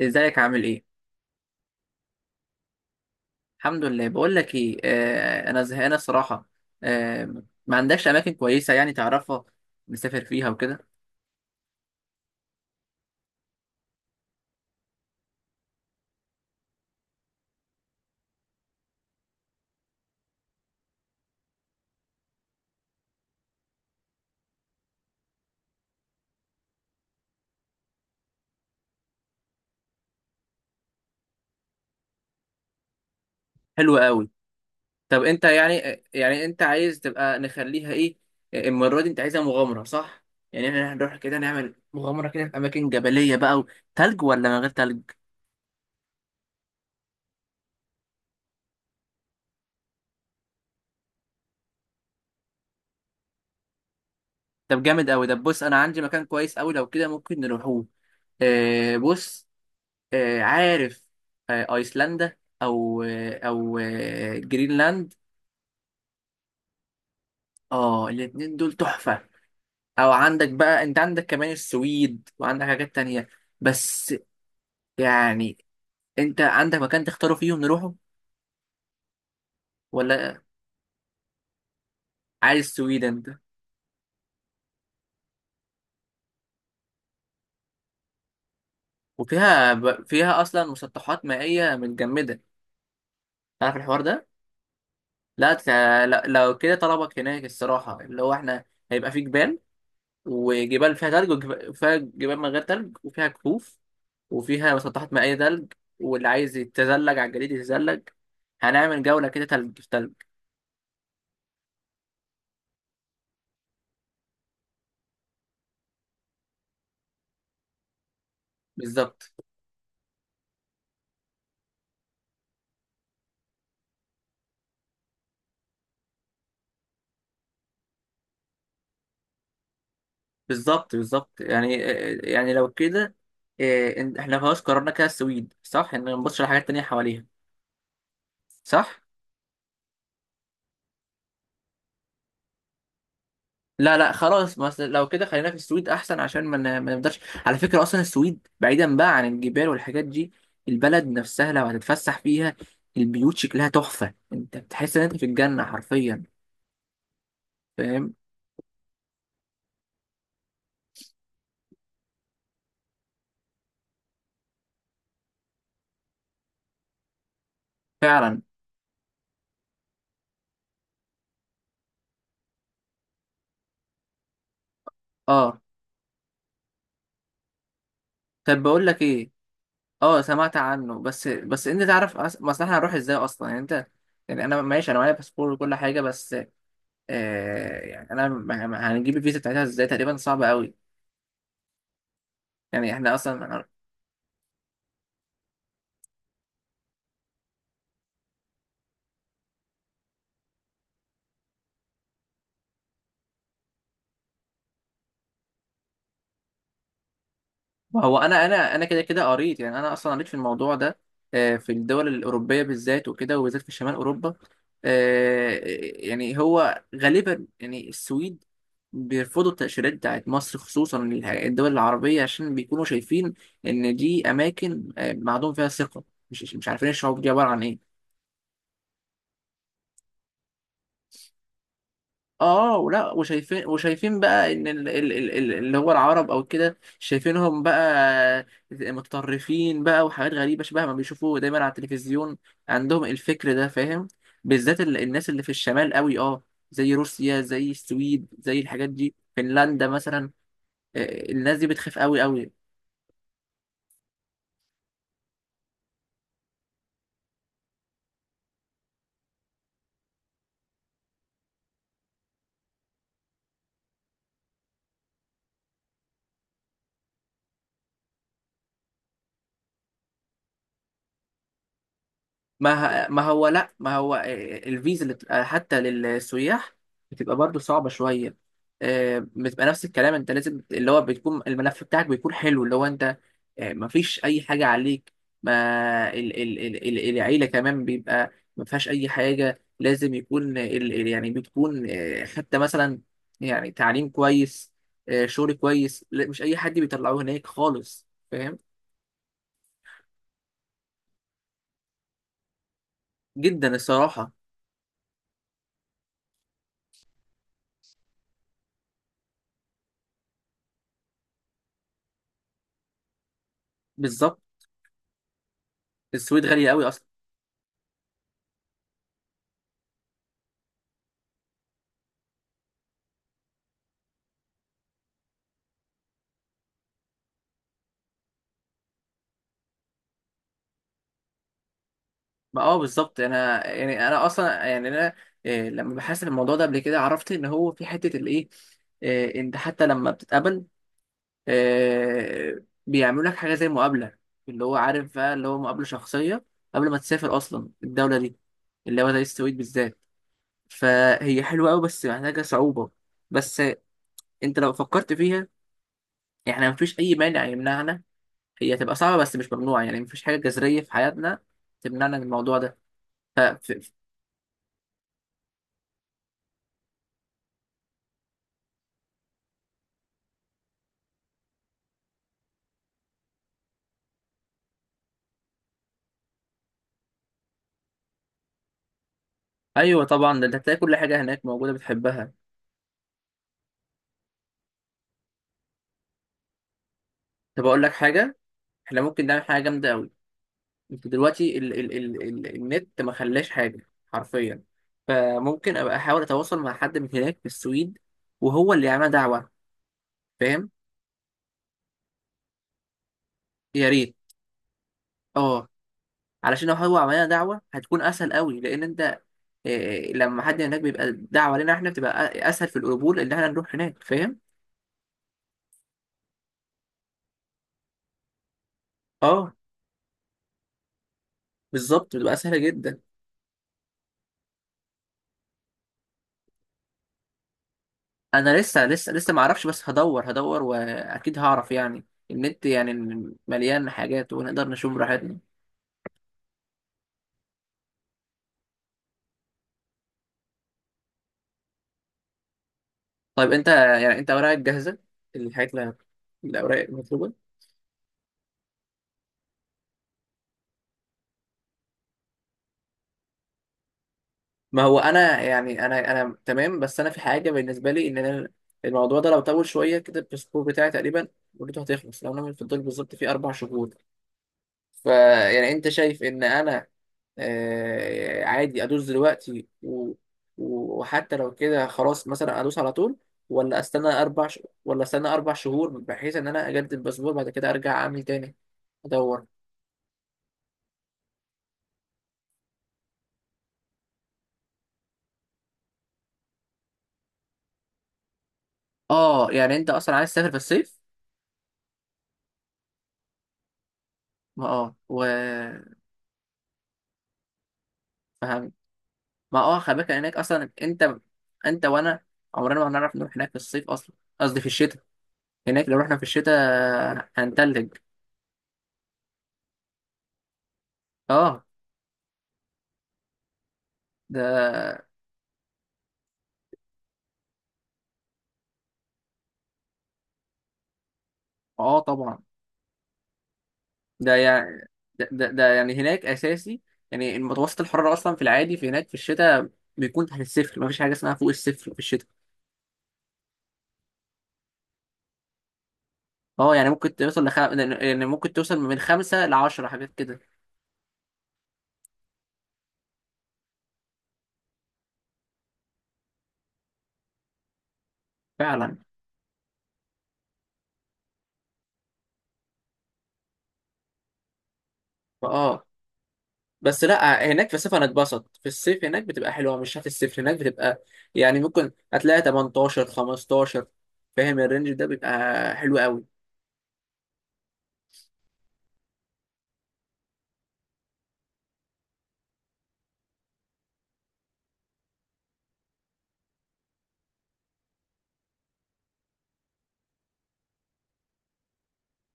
ازيك عامل ايه؟ الحمد لله. بقول لك ايه، انا زهقانه صراحه. آه ما عندكش اماكن كويسه يعني تعرفها، نسافر فيها وكده؟ حلوه قوي. طب انت يعني يعني انت عايز تبقى نخليها ايه؟ المره دي انت عايزها مغامره، صح؟ يعني احنا هنروح كده نعمل مغامره كده في اماكن جبليه بقى، وتلج ولا من غير تلج؟ طب جامد قوي. طب بص، انا عندي مكان كويس قوي، لو كده ممكن نروحوه. بص. عارف، ايسلندا، او جرينلاند. اه، الاتنين دول تحفة. او عندك بقى، انت عندك كمان السويد وعندك حاجات تانية، بس يعني انت عندك مكان تختاره فيه ونروحه؟ ولا عايز السويد انت؟ وفيها فيها اصلا مسطحات مائية متجمدة. عارف الحوار ده؟ لا. لا، لو كده طلبك هناك الصراحة اللي هو احنا، هيبقى في جبال، وجبال فيها تلج، وفيها جبال من غير تلج، وفيها كهوف، وفيها مسطحات مائية تلج. واللي عايز يتزلج على الجليد يتزلج. هنعمل جولة كده، تلج في تلج. بالظبط، بالظبط، بالظبط يعني. يعني لو كده احنا خلاص قررنا كده السويد، صح؟ ان ما نبصش على حاجات تانية حواليها، صح؟ لا لا، خلاص، بس لو كده خلينا في السويد احسن عشان ما نقدرش. على فكرة اصلا السويد بعيدا بقى عن الجبال والحاجات دي، البلد نفسها لو هتتفسح فيها، البيوت شكلها تحفة، انت بتحس ان انت في الجنة حرفيا. فاهم؟ فعلا. اه، طب بقول لك ايه. اه سمعت عنه، بس انت تعرف، مثلا احنا هنروح ازاي اصلا يعني انت؟ يعني انا ماشي، انا معايا باسبور وكل حاجه، بس يعني انا هنجيب الفيزا بتاعتها ازاي؟ تقريبا صعبه قوي، يعني احنا اصلا. ما هو انا كده قريت، يعني انا اصلا قريت في الموضوع ده. في الدول الاوروبيه بالذات وكده، وبالذات في شمال اوروبا. آه، يعني هو غالبا، يعني السويد بيرفضوا التأشيرات بتاعت مصر، خصوصا الدول العربيه، عشان بيكونوا شايفين ان دي اماكن معدوم فيها ثقه. مش عارفين الشعوب دي عباره عن ايه. اه، ولا، وشايفين بقى ان اللي هو العرب او كده، شايفينهم بقى متطرفين بقى وحاجات غريبه شبه ما بيشوفوه دايما على التلفزيون. عندهم الفكر ده، فاهم؟ بالذات الناس اللي في الشمال قوي، اه. زي روسيا، زي السويد، زي الحاجات دي، فنلندا مثلا. الناس دي بتخاف قوي قوي. ما هو، لا، ما هو الفيزا اللي بتبقى حتى للسياح بتبقى برضو صعبة شوية. بتبقى نفس الكلام، انت لازم اللي هو بتكون الملف بتاعك بيكون حلو، اللي هو انت ما فيش اي حاجة عليك. ما ال ال ال ال العيلة كمان بيبقى ما فيهاش اي حاجة، لازم يكون ال ال يعني بتكون، حتى مثلا يعني تعليم كويس، شغل كويس. لا، مش اي حد بيطلعوه هناك خالص، فاهم؟ جدا الصراحة. بالظبط. السويد غالية قوي اصلا. ما اه، بالظبط، انا يعني انا اصلا، يعني انا لما بحثت في الموضوع ده قبل كده، عرفت ان هو في حته الايه. انت حتى لما بتتقابل، بيعملوا لك حاجه زي مقابله، اللي هو عارف بقى، اللي هو مقابله شخصيه، قبل ما تسافر اصلا الدوله دي، اللي هو زي السويد بالذات. فهي حلوه قوي بس محتاجه صعوبه. بس انت لو فكرت فيها، احنا مفيش اي مانع يمنعنا. هي هتبقى صعبه بس مش ممنوعه، يعني مفيش حاجه جذريه في حياتنا تمنعنا من الموضوع ده. ايوه طبعا، ده انت هتلاقي كل حاجه هناك موجوده بتحبها. طب اقول لك حاجه، احنا ممكن نعمل حاجه جامده قوي. انت دلوقتي ال ال ال ال النت ما خلاش حاجه حرفيا. فممكن ابقى احاول اتواصل مع حد من هناك في السويد، وهو اللي يعمل دعوه. فاهم؟ يا ريت. اه، علشان لو هو عملنا دعوه هتكون اسهل قوي، لان انت لما حد هناك بيبقى دعوه لنا احنا، بتبقى اسهل في القبول ان احنا نروح هناك، فاهم؟ اه، بالظبط، بتبقى سهله جدا. انا لسه ما اعرفش، بس هدور واكيد هعرف يعني. النت يعني مليان حاجات ونقدر نشوف براحتنا. طيب انت يعني، انت اوراقك جاهزه، الحاجات اللي، الاوراق المطلوبه؟ ما هو انا يعني، انا تمام، بس انا في حاجه بالنسبه لي ان انا، الموضوع ده لو طول شويه كده، الباسبور بتاعي تقريبا مدته هتخلص لو انا في الدول بالظبط في 4 شهور. فيعني انت شايف ان انا عادي ادوس دلوقتي، وحتى لو كده خلاص مثلا ادوس على طول؟ ولا استنى ولا استنى 4 شهور بحيث ان انا اجدد الباسبور بعد كده ارجع اعمل تاني، ادور؟ اه، يعني انت اصلا عايز تسافر في الصيف؟ ما اه، و، فهم. ما اه، خلي بالك هناك اصلا، انت وانا عمرنا ما هنعرف نروح هناك في الصيف، اصلا قصدي في الشتاء. هناك لو رحنا في الشتاء هنتلج. اه ده. اه طبعا. ده يعني، ده يعني هناك اساسي. يعني المتوسط الحراره اصلا في العادي، في هناك في الشتاء، بيكون تحت الصفر، مفيش حاجه اسمها فوق الصفر في الشتاء. اه، يعني ممكن توصل يعني ممكن توصل من 5 لـ 10 حاجات كده. فعلا. فاه. بس لا، هناك في الصيف هنتبسط، في الصيف هناك بتبقى حلوه، مش تحت الصفر هناك بتبقى، يعني ممكن هتلاقي 18 15. فاهم، الرينج ده بيبقى حلو قوي.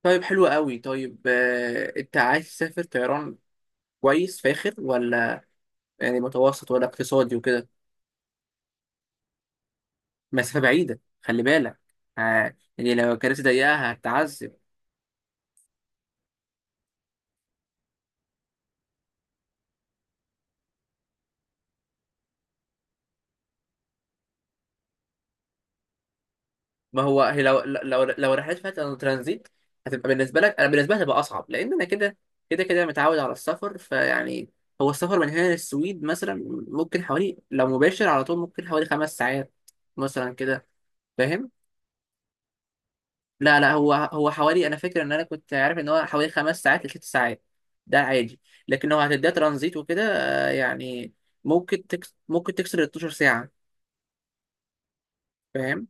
طيب حلو قوي. طيب، انت عايز تسافر طيران كويس فاخر، ولا يعني متوسط، ولا اقتصادي وكده؟ مسافة بعيدة خلي بالك. ها، يعني لو الكراسي ضيقة هتتعذب. ما هو هي لو رحلات فيها ترانزيت هتبقى بالنسبة لك، أنا بالنسبة لي هتبقى أصعب، لأن أنا كده متعود على السفر، فيعني، هو السفر من هنا للسويد مثلا ممكن حوالي، لو مباشر على طول، ممكن حوالي 5 ساعات مثلا كده، فاهم؟ لا لا، هو حوالي، انا فاكر ان انا كنت عارف ان هو حوالي 5 ساعات لـ 6 ساعات، ده عادي. لكن هو هتديها ترانزيت وكده، يعني ممكن تكسر ال 12 ساعه، فاهم؟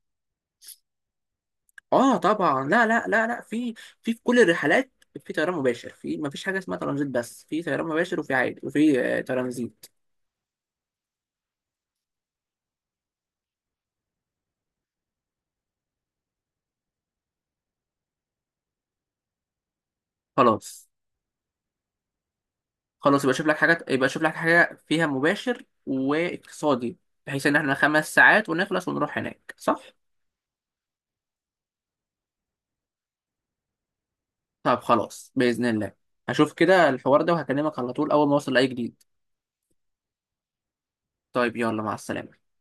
اه طبعا، لا، لا، لا، لا، في كل الرحلات، في طيران مباشر، في ما فيش حاجه اسمها ترانزيت، بس في طيران مباشر، وفي عادي، وفي ترانزيت. خلاص. خلاص يبقى شوف لك حاجه، يبقى شوف لك حاجه فيها مباشر واقتصادي، بحيث ان احنا 5 ساعات ونخلص ونروح هناك، صح؟ طب خلاص، بإذن الله هشوف كده الحوار ده، وهكلمك على طول أول ما أوصل لأي جديد. طيب يلا، مع السلامة.